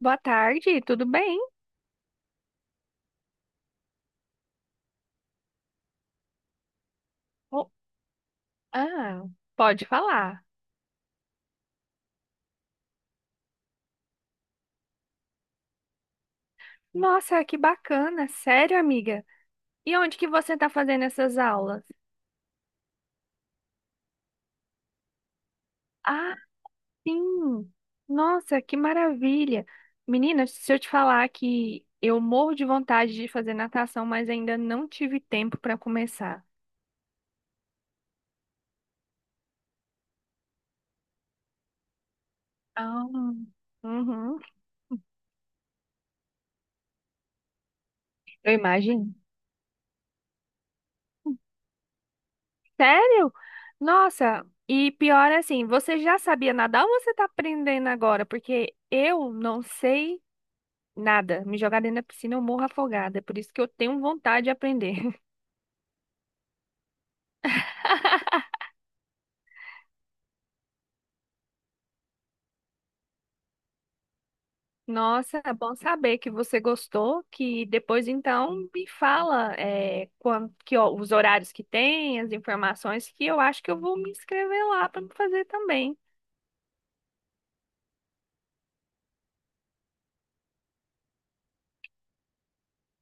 Boa tarde, tudo bem? Oh, ah, pode falar. Nossa, que bacana, sério, amiga. E onde que você está fazendo essas aulas? Ah, sim. Nossa, que maravilha. Menina, se eu te falar que eu morro de vontade de fazer natação, mas ainda não tive tempo para começar. Ah, uhum. Eu imagino. Sério? Nossa, e pior assim, você já sabia nadar ou você está aprendendo agora? Porque eu não sei nada. Me jogar dentro da piscina, eu morro afogada. Por isso que eu tenho vontade de aprender. Nossa, é bom saber que você gostou, que depois então me fala quando, ó, os horários que tem, as informações, que eu acho que eu vou me inscrever lá para fazer também.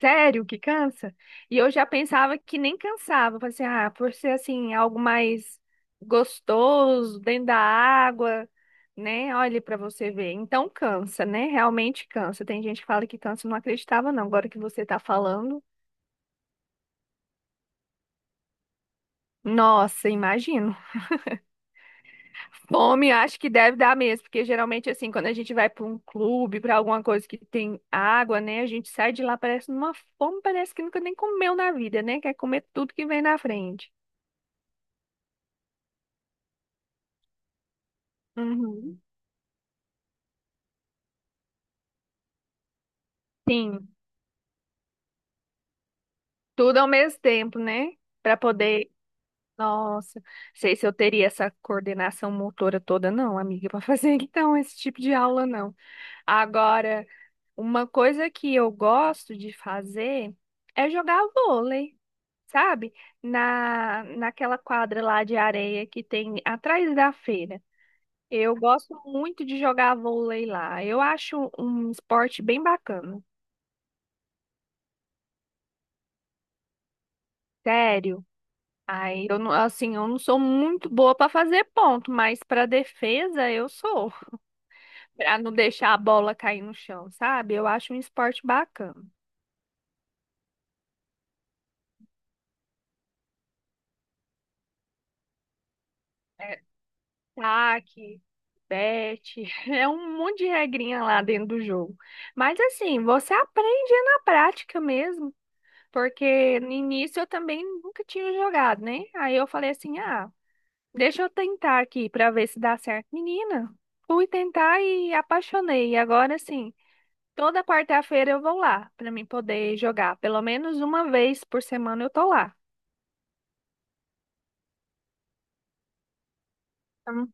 Sério que cansa? E eu já pensava que nem cansava. Falei assim, ah, por ser assim, algo mais gostoso, dentro da água, né? Olha pra você ver. Então cansa, né? Realmente cansa. Tem gente que fala que cansa, eu não acreditava, não. Agora que você tá falando. Nossa, imagino. Fome, acho que deve dar mesmo, porque geralmente assim, quando a gente vai pra um clube, pra alguma coisa que tem água, né? A gente sai de lá parece numa fome, parece que nunca nem comeu na vida, né? Quer comer tudo que vem na frente. Uhum. Sim, tudo ao mesmo tempo, né? Para poder. Nossa, sei se eu teria essa coordenação motora toda, não, amiga, para fazer então esse tipo de aula, não. Agora, uma coisa que eu gosto de fazer é jogar vôlei, sabe? Naquela quadra lá de areia que tem atrás da feira. Eu gosto muito de jogar vôlei lá. Eu acho um esporte bem bacana. Sério. Aí eu não, assim, eu não sou muito boa para fazer ponto, mas para defesa eu sou. Para não deixar a bola cair no chão, sabe? Eu acho um esporte bacana. É, taque, bete, é um monte de regrinha lá dentro do jogo. Mas assim, você aprende na prática mesmo, porque no início eu também nunca tinha jogado, né? Aí eu falei assim: "Ah, deixa eu tentar aqui para ver se dá certo". Menina, fui tentar e apaixonei. E agora assim, toda quarta-feira eu vou lá para mim poder jogar. Pelo menos uma vez por semana eu tô lá. Então.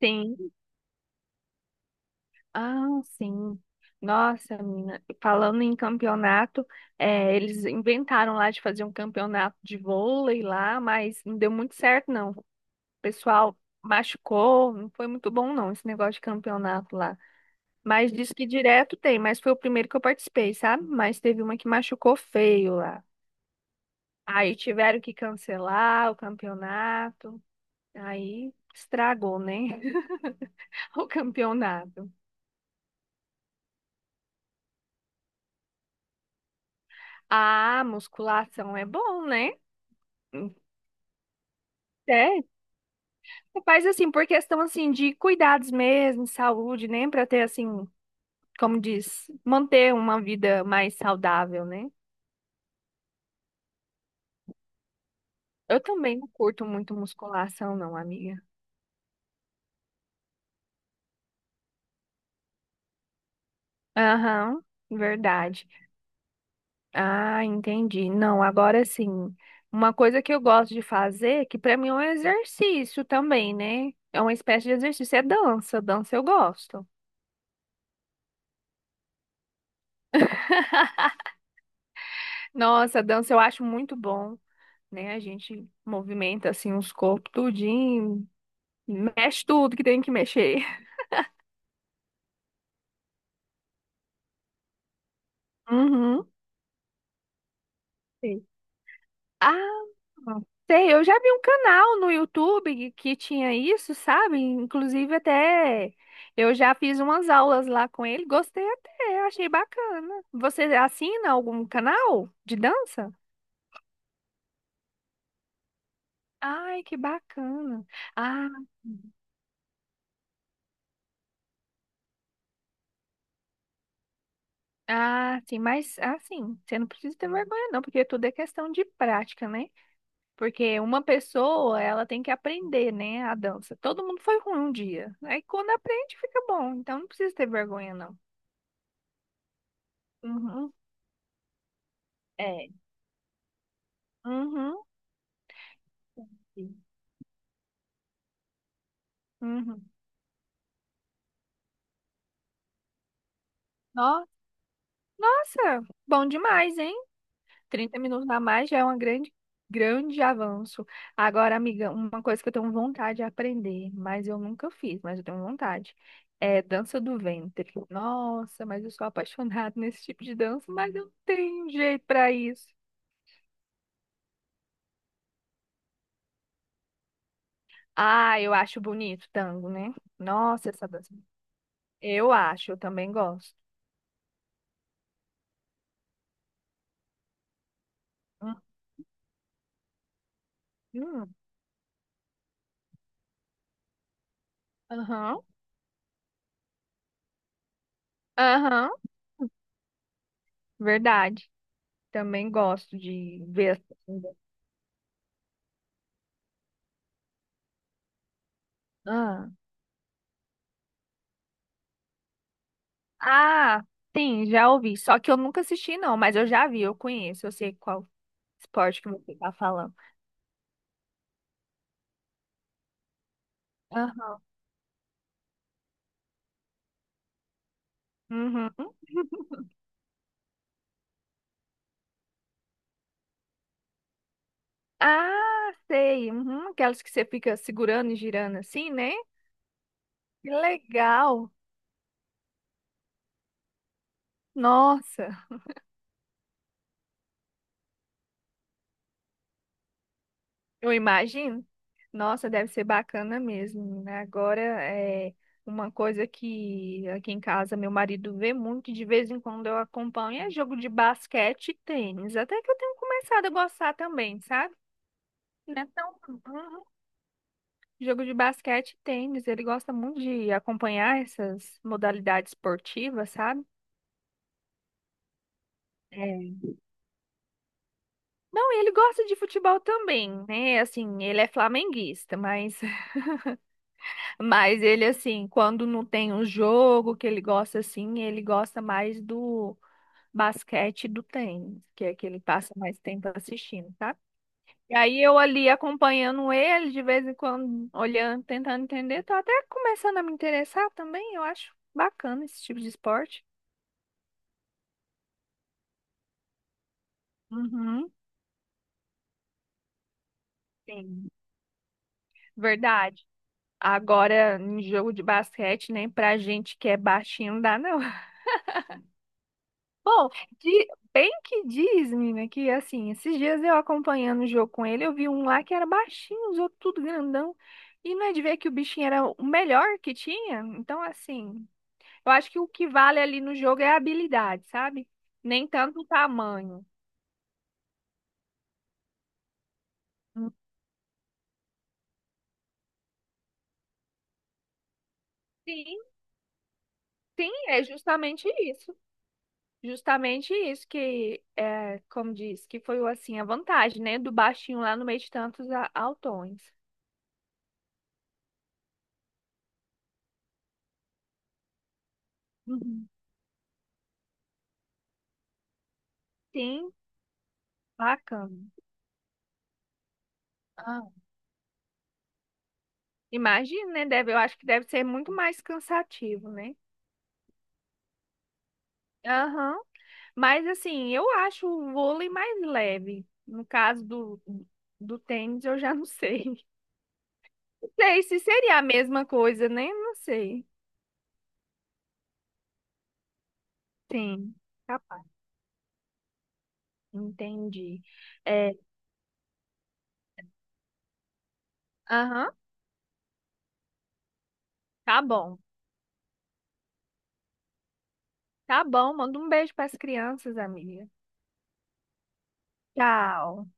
Sim. Ah, sim. Nossa, menina, falando em campeonato, eles inventaram lá de fazer um campeonato de vôlei lá, mas não deu muito certo, não. O pessoal machucou, não foi muito bom, não, esse negócio de campeonato lá. Mas diz que direto tem, mas foi o primeiro que eu participei, sabe? Mas teve uma que machucou feio lá. Aí tiveram que cancelar o campeonato. Aí estragou, né? O campeonato. Ah, musculação é bom, né? É, você faz assim, por questão assim de cuidados mesmo, saúde, né? Pra ter assim, como diz, manter uma vida mais saudável, né? Eu também não curto muito musculação, não, amiga. Aham, verdade. Ah, entendi. Não, agora sim. Uma coisa que eu gosto de fazer, que pra mim é um exercício também, né? É uma espécie de exercício, é dança. Dança eu gosto. Nossa, dança eu acho muito bom, né? A gente movimenta assim os corpos tudinho, mexe tudo que tem que mexer. Uhum. Sei. Ah, sei, eu já vi um canal no YouTube que tinha isso, sabe? Inclusive até eu já fiz umas aulas lá com ele, gostei até, achei bacana. Você assina algum canal de dança? Ai, que bacana. Ah. Ah, sim, mas assim, você não precisa ter vergonha não, porque tudo é questão de prática, né? Porque uma pessoa, ela tem que aprender, né, a dança. Todo mundo foi ruim um dia. Aí quando aprende, fica bom. Então não precisa ter vergonha não. Uhum. É. Uhum. Sim. Uhum. Nó- Nossa, bom demais, hein? 30 minutos a mais já é um grande, grande avanço. Agora, amiga, uma coisa que eu tenho vontade de aprender, mas eu nunca fiz, mas eu tenho vontade, é dança do ventre. Nossa, mas eu sou apaixonada nesse tipo de dança, mas eu não tenho jeito para isso. Ah, eu acho bonito tango, né? Nossa, essa dança. Eu acho, eu também gosto. Hum, hum. Aham, aham, verdade. Também gosto de ver, assim. Ah. Ah, sim, já ouvi. Só que eu nunca assisti, não, mas eu já vi, eu conheço, eu sei qual esporte que você tá falando. Aham. Uhum. Ah, sei. Uhum. Aquelas que você fica segurando e girando assim, né? Que legal. Nossa, eu imagino. Nossa, deve ser bacana mesmo, né? Agora é uma coisa que aqui em casa meu marido vê muito, e de vez em quando eu acompanho, é jogo de basquete e tênis. Até que eu tenho começado a gostar também, sabe? Não é tão— Uhum. Jogo de basquete e tênis, ele gosta muito de acompanhar essas modalidades esportivas, sabe? É. Não, ele gosta de futebol também, né? Assim, ele é flamenguista, mas, mas ele, assim, quando não tem um jogo que ele gosta, assim, ele gosta mais do basquete e do tênis, que é que ele passa mais tempo assistindo, sabe? E aí eu ali acompanhando ele, de vez em quando, olhando, tentando entender, tô até começando a me interessar também, eu acho bacana esse tipo de esporte. Uhum, sim, verdade. Agora, em jogo de basquete, nem pra gente que é baixinho não dá, não. Bom, de- bem que diz, menina, que assim, esses dias eu acompanhando o jogo com ele, eu vi um lá que era baixinho, os outros tudo grandão. E não é de ver que o bichinho era o melhor que tinha? Então, assim. Eu acho que o que vale ali no jogo é a habilidade, sabe? Nem tanto o tamanho. Hum. Sim, sim, é justamente isso. Justamente isso que, como diz, que foi assim a vantagem, né? Do baixinho lá no meio de tantos altões. Uhum. Sim, bacana. Ah, imagina, né? Eu acho que deve ser muito mais cansativo, né? Aham. Mas assim, eu acho o vôlei mais leve. No caso do tênis, eu já não sei. Sei se seria a mesma coisa, né? Não sei. Sim, capaz. Entendi. É, aham, tá bom. Tá bom, manda um beijo para as crianças, amiga. Tchau.